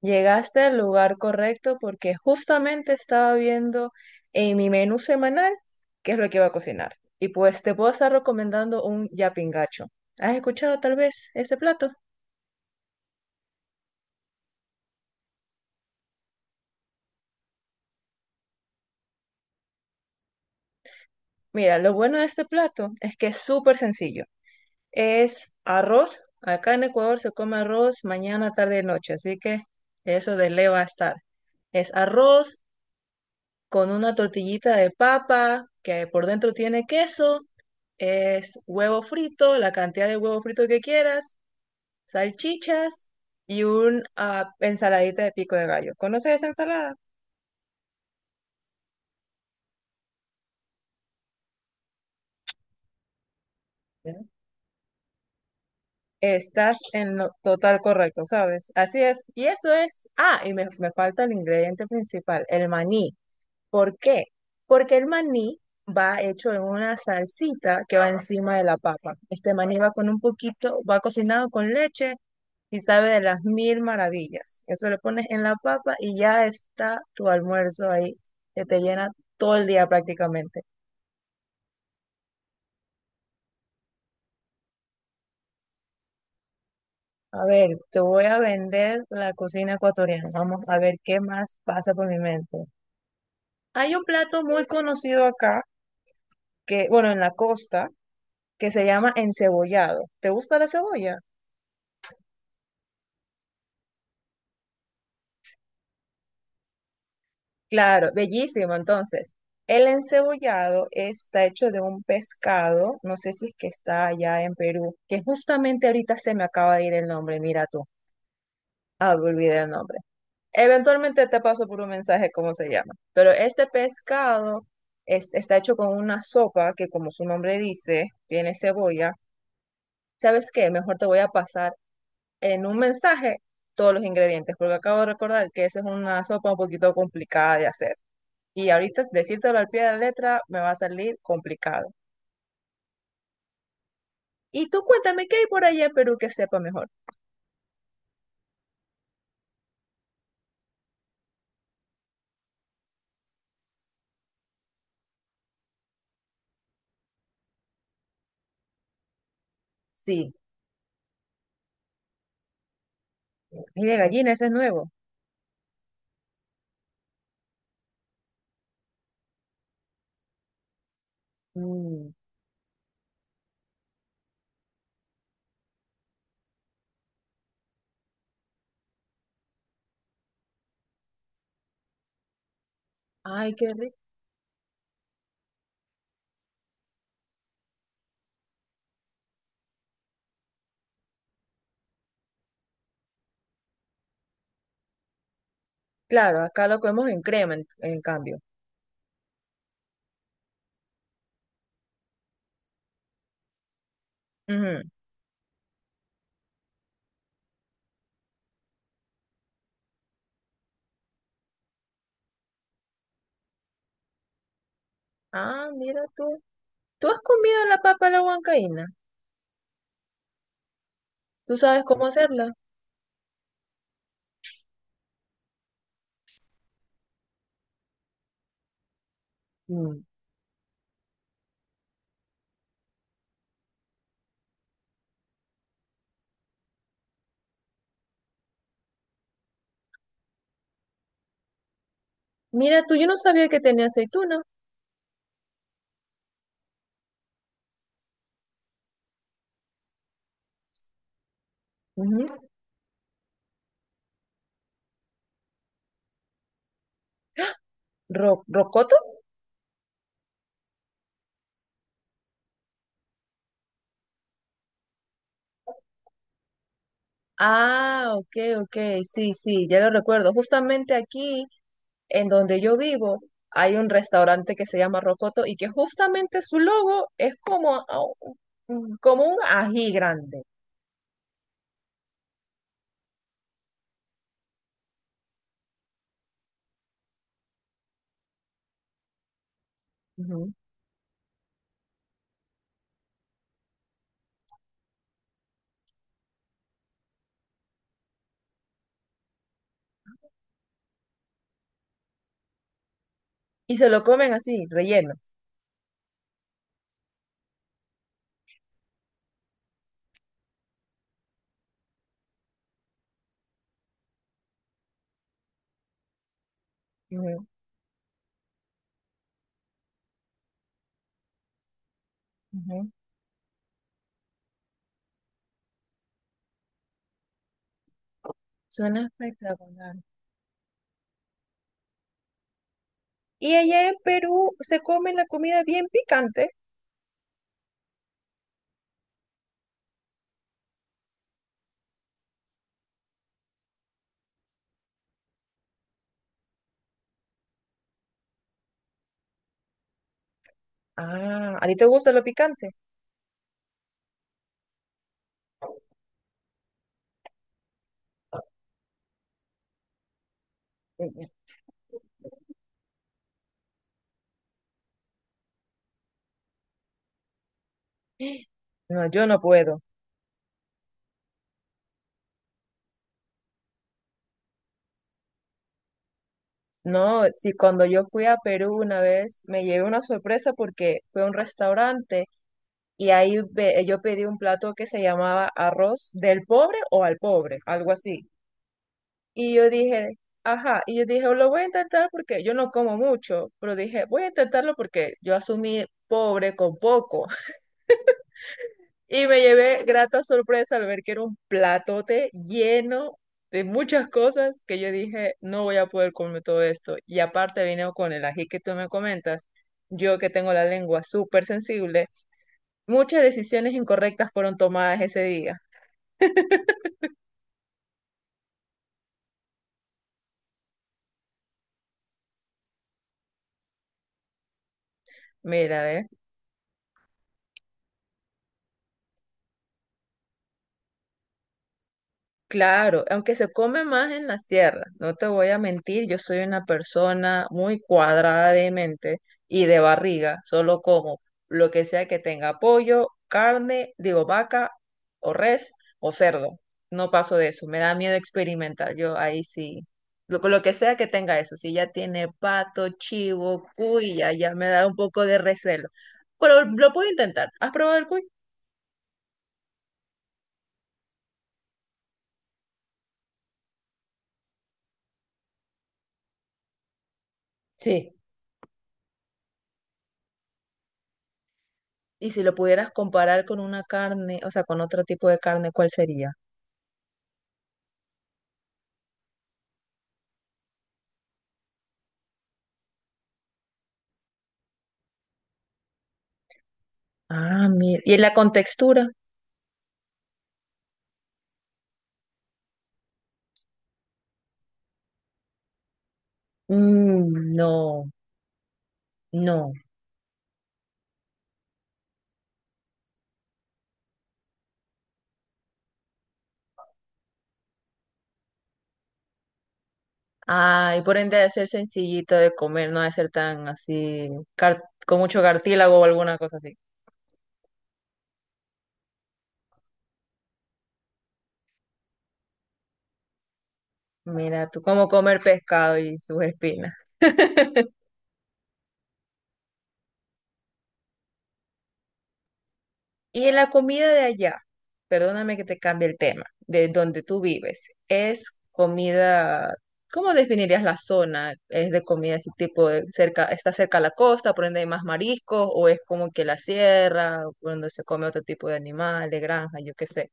Llegaste al lugar correcto porque justamente estaba viendo en mi menú semanal qué es lo que iba a cocinar. Y pues te puedo estar recomendando un yapingacho. ¿Has escuchado tal vez este plato? Mira, lo bueno de este plato es que es súper sencillo. Es arroz. Acá en Ecuador se come arroz mañana, tarde y noche, así que eso de le va a estar. Es arroz con una tortillita de papa que por dentro tiene queso. Es huevo frito, la cantidad de huevo frito que quieras, salchichas y un ensaladita de pico de gallo. ¿Conoces esa ensalada? Bueno, estás en lo total correcto, ¿sabes? Así es. Y eso es. Ah, y me falta el ingrediente principal, el maní. ¿Por qué? Porque el maní va hecho en una salsita que va encima de la papa. Este maní va con un poquito, va cocinado con leche y sabe de las mil maravillas. Eso lo pones en la papa y ya está tu almuerzo ahí, que te llena todo el día prácticamente. A ver, te voy a vender la cocina ecuatoriana. Vamos a ver qué más pasa por mi mente. Hay un plato muy conocido acá, que, bueno, en la costa, que se llama encebollado. ¿Te gusta la cebolla? Claro, bellísimo. Entonces, el encebollado está hecho de un pescado, no sé si es que está allá en Perú, que justamente ahorita se me acaba de ir el nombre, mira tú. Ah, me olvidé el nombre. Eventualmente te paso por un mensaje cómo se llama. Pero este pescado está hecho con una sopa que, como su nombre dice, tiene cebolla. ¿Sabes qué? Mejor te voy a pasar en un mensaje todos los ingredientes, porque acabo de recordar que esa es una sopa un poquito complicada de hacer. Y ahorita decírtelo al pie de la letra me va a salir complicado. Y tú cuéntame qué hay por allá en Perú que sepa mejor. Sí. Y de gallina, ese es nuevo. Mm. Ay, qué rico. Claro, acá lo comemos en crema, en cambio. Ujú. Ah, mira tú. ¿Tú has comido la papa a la huancaína? ¿Tú sabes cómo hacerla? Mm. Mira tú, yo no sabía que tenía aceituna. Ujú. ¿Rocoto? Ah, ok, ok, sí, sí, ya lo recuerdo. Justamente aquí en donde yo vivo hay un restaurante que se llama Rocoto y que justamente su logo es como, como un ají grande. Ujú. Y se lo comen así, relleno. Ujú, ujú. Suena espectacular. Y allá en Perú se come la comida bien picante. Ah, ¿a ti te gusta lo picante? Mm, mm. No, yo no puedo. No, sí, cuando yo fui a Perú una vez me llevé una sorpresa porque fue a un restaurante. Y ahí yo pedí un plato que se llamaba arroz del pobre o al pobre, algo así. Y yo dije, ajá, y yo dije, lo voy a intentar porque yo no como mucho, pero dije, voy a intentarlo porque yo asumí pobre con poco. Y me llevé grata sorpresa al ver que era un platote lleno de muchas cosas que yo dije, no voy a poder comer todo esto. Y aparte vino con el ají que tú me comentas, yo que tengo la lengua súper sensible, muchas decisiones incorrectas fueron tomadas ese día. Mira, ve. Claro, aunque se come más en la sierra, no te voy a mentir, yo soy una persona muy cuadrada de mente y de barriga, solo como lo que sea que tenga pollo, carne, digo vaca o res o cerdo. No paso de eso, me da miedo experimentar, yo ahí sí. Lo que sea que tenga eso, si ya tiene pato, chivo, cuy, ya, ya me da un poco de recelo. Pero lo puedo intentar. ¿Has probado el cuy? Sí. Y si lo pudieras comparar con una carne, o sea, con otro tipo de carne, ¿cuál sería? Ah, mira. ¿Y la contextura? Mm, no, no. Ay, por ende debe ser sencillito de comer, no debe ser tan así, con mucho cartílago o alguna cosa así. Mira, tú cómo comer pescado y sus espinas. Y en la comida de allá, perdóname que te cambie el tema, de donde tú vives, es comida, ¿cómo definirías la zona? ¿Es de comida así tipo de cerca, está cerca a la costa, por ende hay más mariscos, o es como que la sierra, por donde se come otro tipo de animal, de granja, yo qué sé?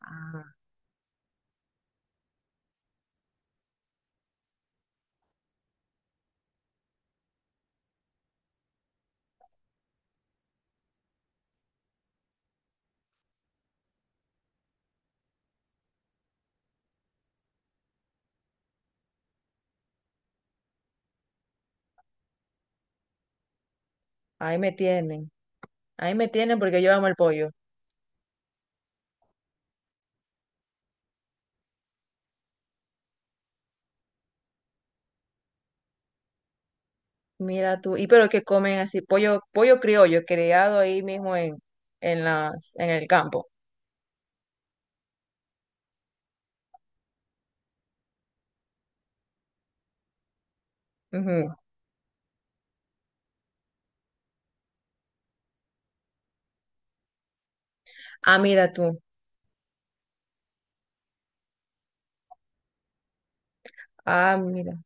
Ah, ahí me tienen, ahí me tienen porque yo amo el pollo. Mira tú, y pero que comen así, pollo, pollo criollo, criado ahí mismo en las, en el campo. Ujú. Ah, mira tú. Ah, mira.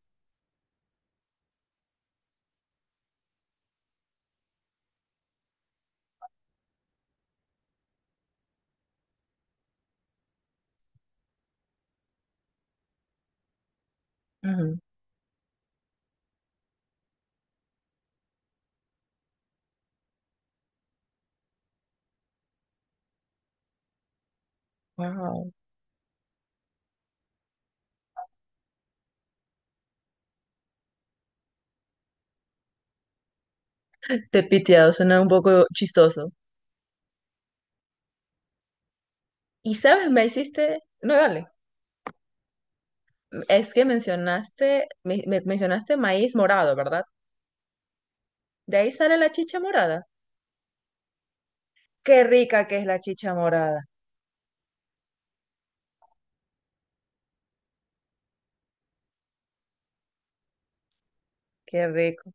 Ujú. Wow. Te piteado suena un poco chistoso. Y sabes, me hiciste, no, dale, es que mencionaste, mencionaste maíz morado, ¿verdad? De ahí sale la chicha morada. Qué rica que es la chicha morada. Qué rico.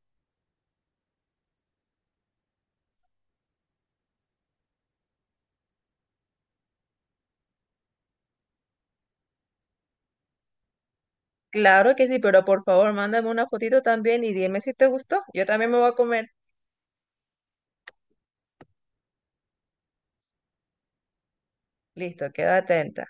Claro que sí, pero por favor, mándame una fotito también y dime si te gustó. Yo también me voy a comer. Listo, quédate atenta.